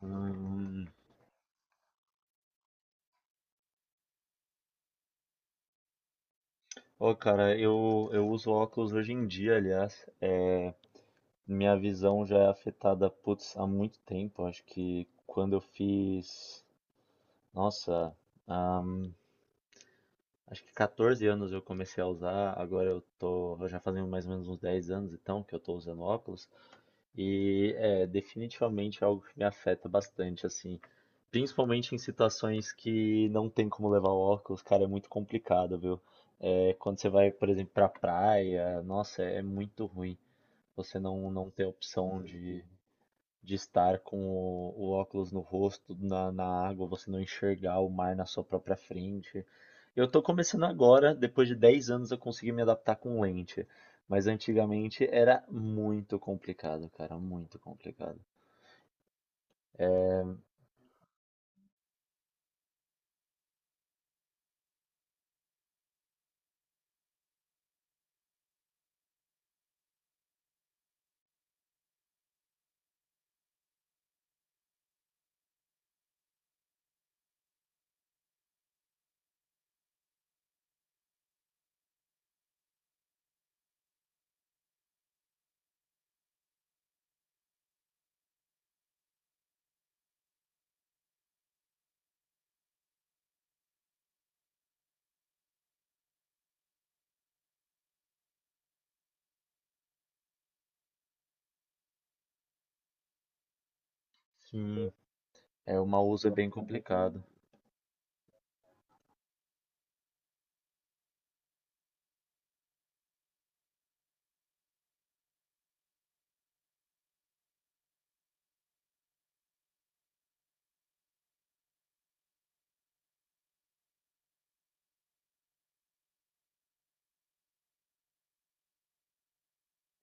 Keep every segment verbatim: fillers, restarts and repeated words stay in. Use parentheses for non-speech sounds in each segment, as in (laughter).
Hum. Ô, cara, eu, eu uso óculos hoje em dia, aliás. É, minha visão já é afetada, putz, há muito tempo. Acho que quando eu fiz. Nossa, ahn, Acho que quatorze anos eu comecei a usar. Agora eu tô. Já fazem mais ou menos uns dez anos então que eu tô usando óculos. E é definitivamente é algo que me afeta bastante, assim. Principalmente em situações que não tem como levar o óculos, cara, é muito complicado, viu? É, quando você vai, por exemplo, pra praia, nossa, é muito ruim você não, não ter opção de, de estar com o, o óculos no rosto, na, na água, você não enxergar o mar na sua própria frente. Eu tô começando agora, depois de dez anos eu consegui me adaptar com lente, mas antigamente era muito complicado, cara, muito complicado. Sim. É, o mau uso é bem complicado.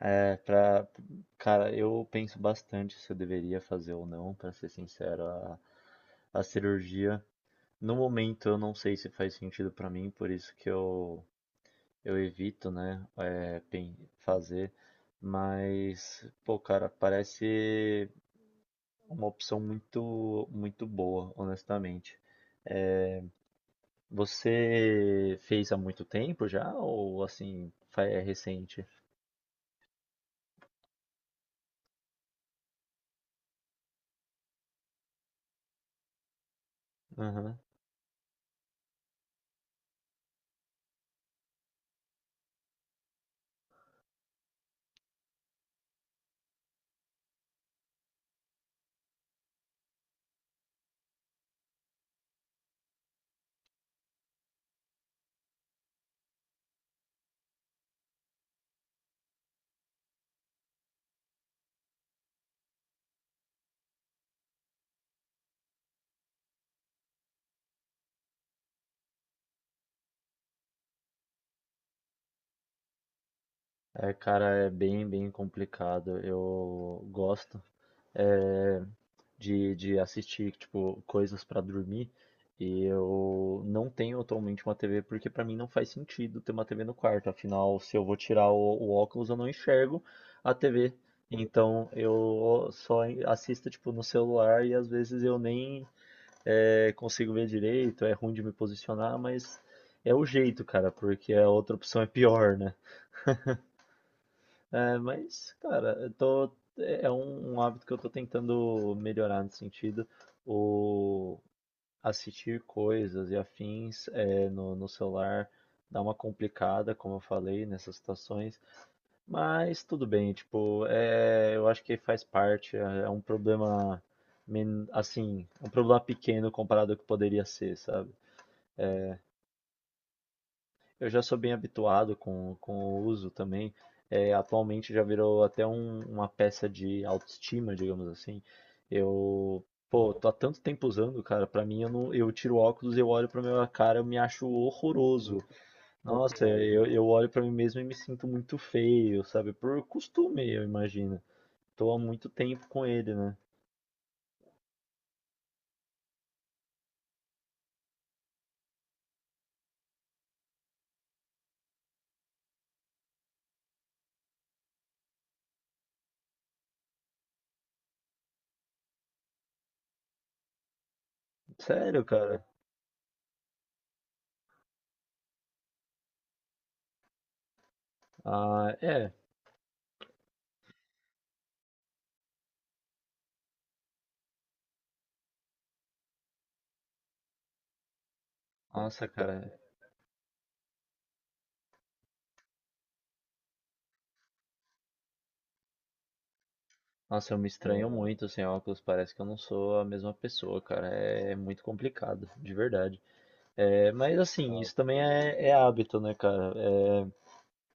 É, pra, cara, eu penso bastante se eu deveria fazer ou não, pra ser sincero, a, a cirurgia. No momento eu não sei se faz sentido pra mim, por isso que eu eu evito, né, é, pen- fazer, mas, pô, cara, parece uma opção muito, muito boa, honestamente. É, você fez há muito tempo já, ou assim, fa- é recente? Aham. É, cara, é bem, bem complicado. Eu gosto. Eh, de, de assistir, tipo, coisas pra dormir. E eu não tenho atualmente uma T V porque pra mim não faz sentido ter uma T V no quarto. Afinal, se eu vou tirar o, o óculos, eu não enxergo a T V. Então eu só assisto tipo no celular e às vezes eu nem eh, consigo ver direito, é ruim de me posicionar, mas é o jeito, cara, porque a outra opção é pior, né? É, mas, cara, eu tô, é é um, um hábito que eu tô tentando melhorar nesse sentido. O assistir coisas e afins é, no, no celular dá uma complicada, como eu falei, nessas situações. Mas tudo bem, tipo, é, eu acho que faz parte, é, é um problema, men- assim, um problema pequeno comparado ao que poderia ser, sabe? Eu já sou bem habituado com, com o uso também. É, atualmente já virou até um- uma peça de autoestima, digamos assim. Eu, pô, tô há tanto tempo usando, cara. Pra mim, eu não, eu tiro o óculos, eu olho pra minha cara, eu me acho horroroso. Nossa, eu, eu olho pra mim mesmo e me sinto muito feio, sabe? Por costume, eu imagino. Tô há muito tempo com ele, né? Sério, cara. Ah, é. Nossa, cara. Nossa, eu me estranho muito sem óculos, parece que eu não sou a mesma pessoa, cara. É muito complicado, de verdade. É, mas assim, isso também é, é hábito, né, cara? É,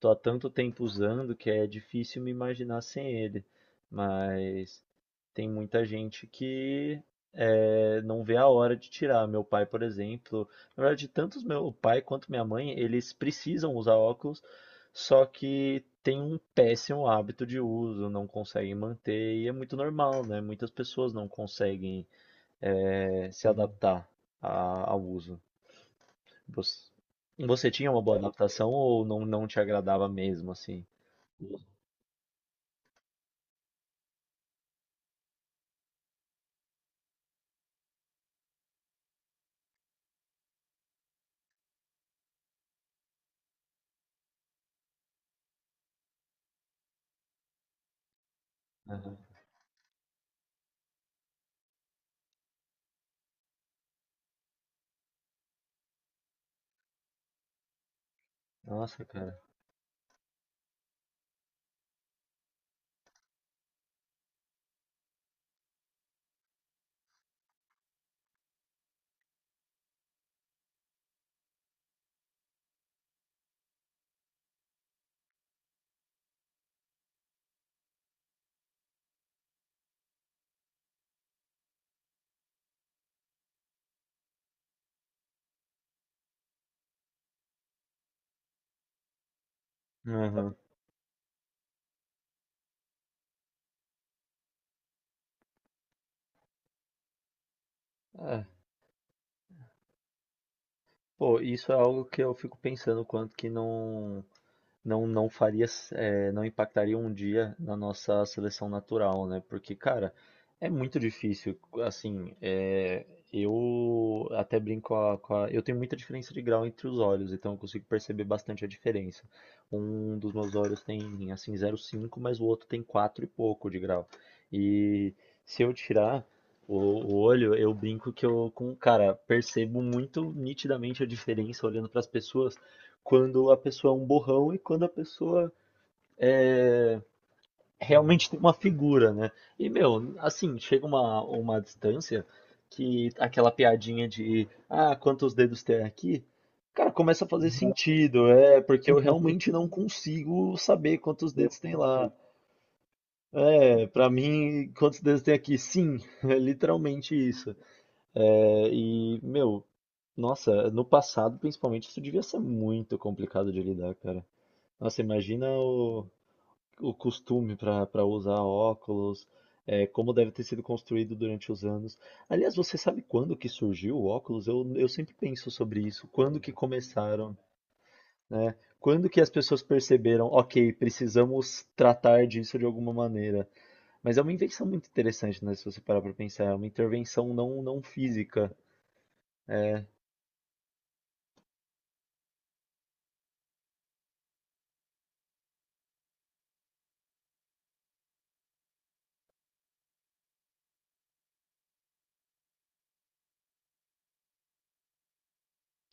tô há tanto tempo usando que é difícil me imaginar sem ele. Mas tem muita gente que eh, não vê a hora de tirar. Meu pai, por exemplo, na verdade, tanto meu pai quanto minha mãe, eles precisam usar óculos, só que tem um péssimo hábito de uso, não conseguem manter, e é muito normal, né? Muitas pessoas não conseguem eh, se adaptar a- ao uso. Você, você tinha uma boa adaptação ou não, não te agradava mesmo, assim? Nossa, cara. Aham. Pô, isso é algo que eu fico pensando, quanto que não não não faria, eh, não impactaria um dia na nossa seleção natural, né? Porque, cara, é muito difícil. Assim, eh, eu até brinco com a, com a- Eu tenho muita diferença de grau entre os olhos, então eu consigo perceber bastante a diferença. Um dos meus olhos tem, assim, zero vírgula cinco mas o outro tem quatro e pouco de grau. E se eu tirar. O, o olho, eu brinco que eu, com, cara, percebo muito nitidamente a diferença olhando para as pessoas, quando a pessoa é um borrão e quando a pessoa realmente tem uma figura, né? E, meu, assim, chega uma, uma distância que aquela piadinha de, ah, quantos dedos tem aqui? Cara, começa a fazer sentido, é, porque eu realmente não consigo saber quantos dedos tem lá. É, para mim, quantos dedos tem aqui? Sim, (laughs) é literalmente isso. É, e, meu, nossa, no passado, principalmente, isso devia ser muito complicado de lidar, cara. Nossa, imagina o, o costume para usar óculos, é, como deve ter sido construído durante os anos. Aliás, você sabe quando que surgiu o óculos? Eu, eu sempre penso sobre isso. Quando que começaram, né? Quando que as pessoas perceberam, ok, precisamos tratar disso de alguma maneira. Mas é uma invenção muito interessante, né? Se você parar para pensar, é uma intervenção não, não física. É,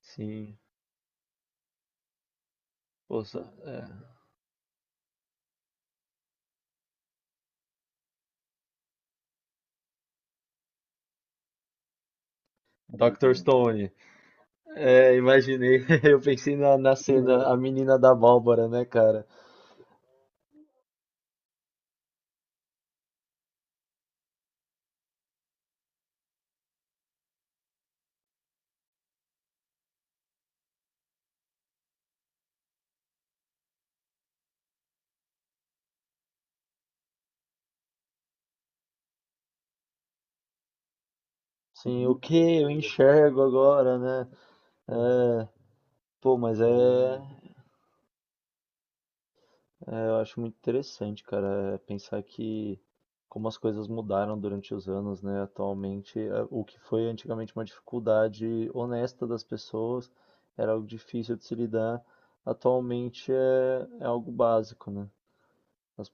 sim. Poxa, é. doutor Stone. É, imaginei. (laughs) Eu pensei na, na cena, a menina da Bárbara, né, cara? Sim, o que eu enxergo agora, né? É, pô, mas é, eu acho muito interessante, cara, é pensar que como as coisas mudaram durante os anos, né? Atualmente, é, o que foi antigamente uma dificuldade honesta das pessoas, era algo difícil de se lidar, atualmente é, é algo básico, né? As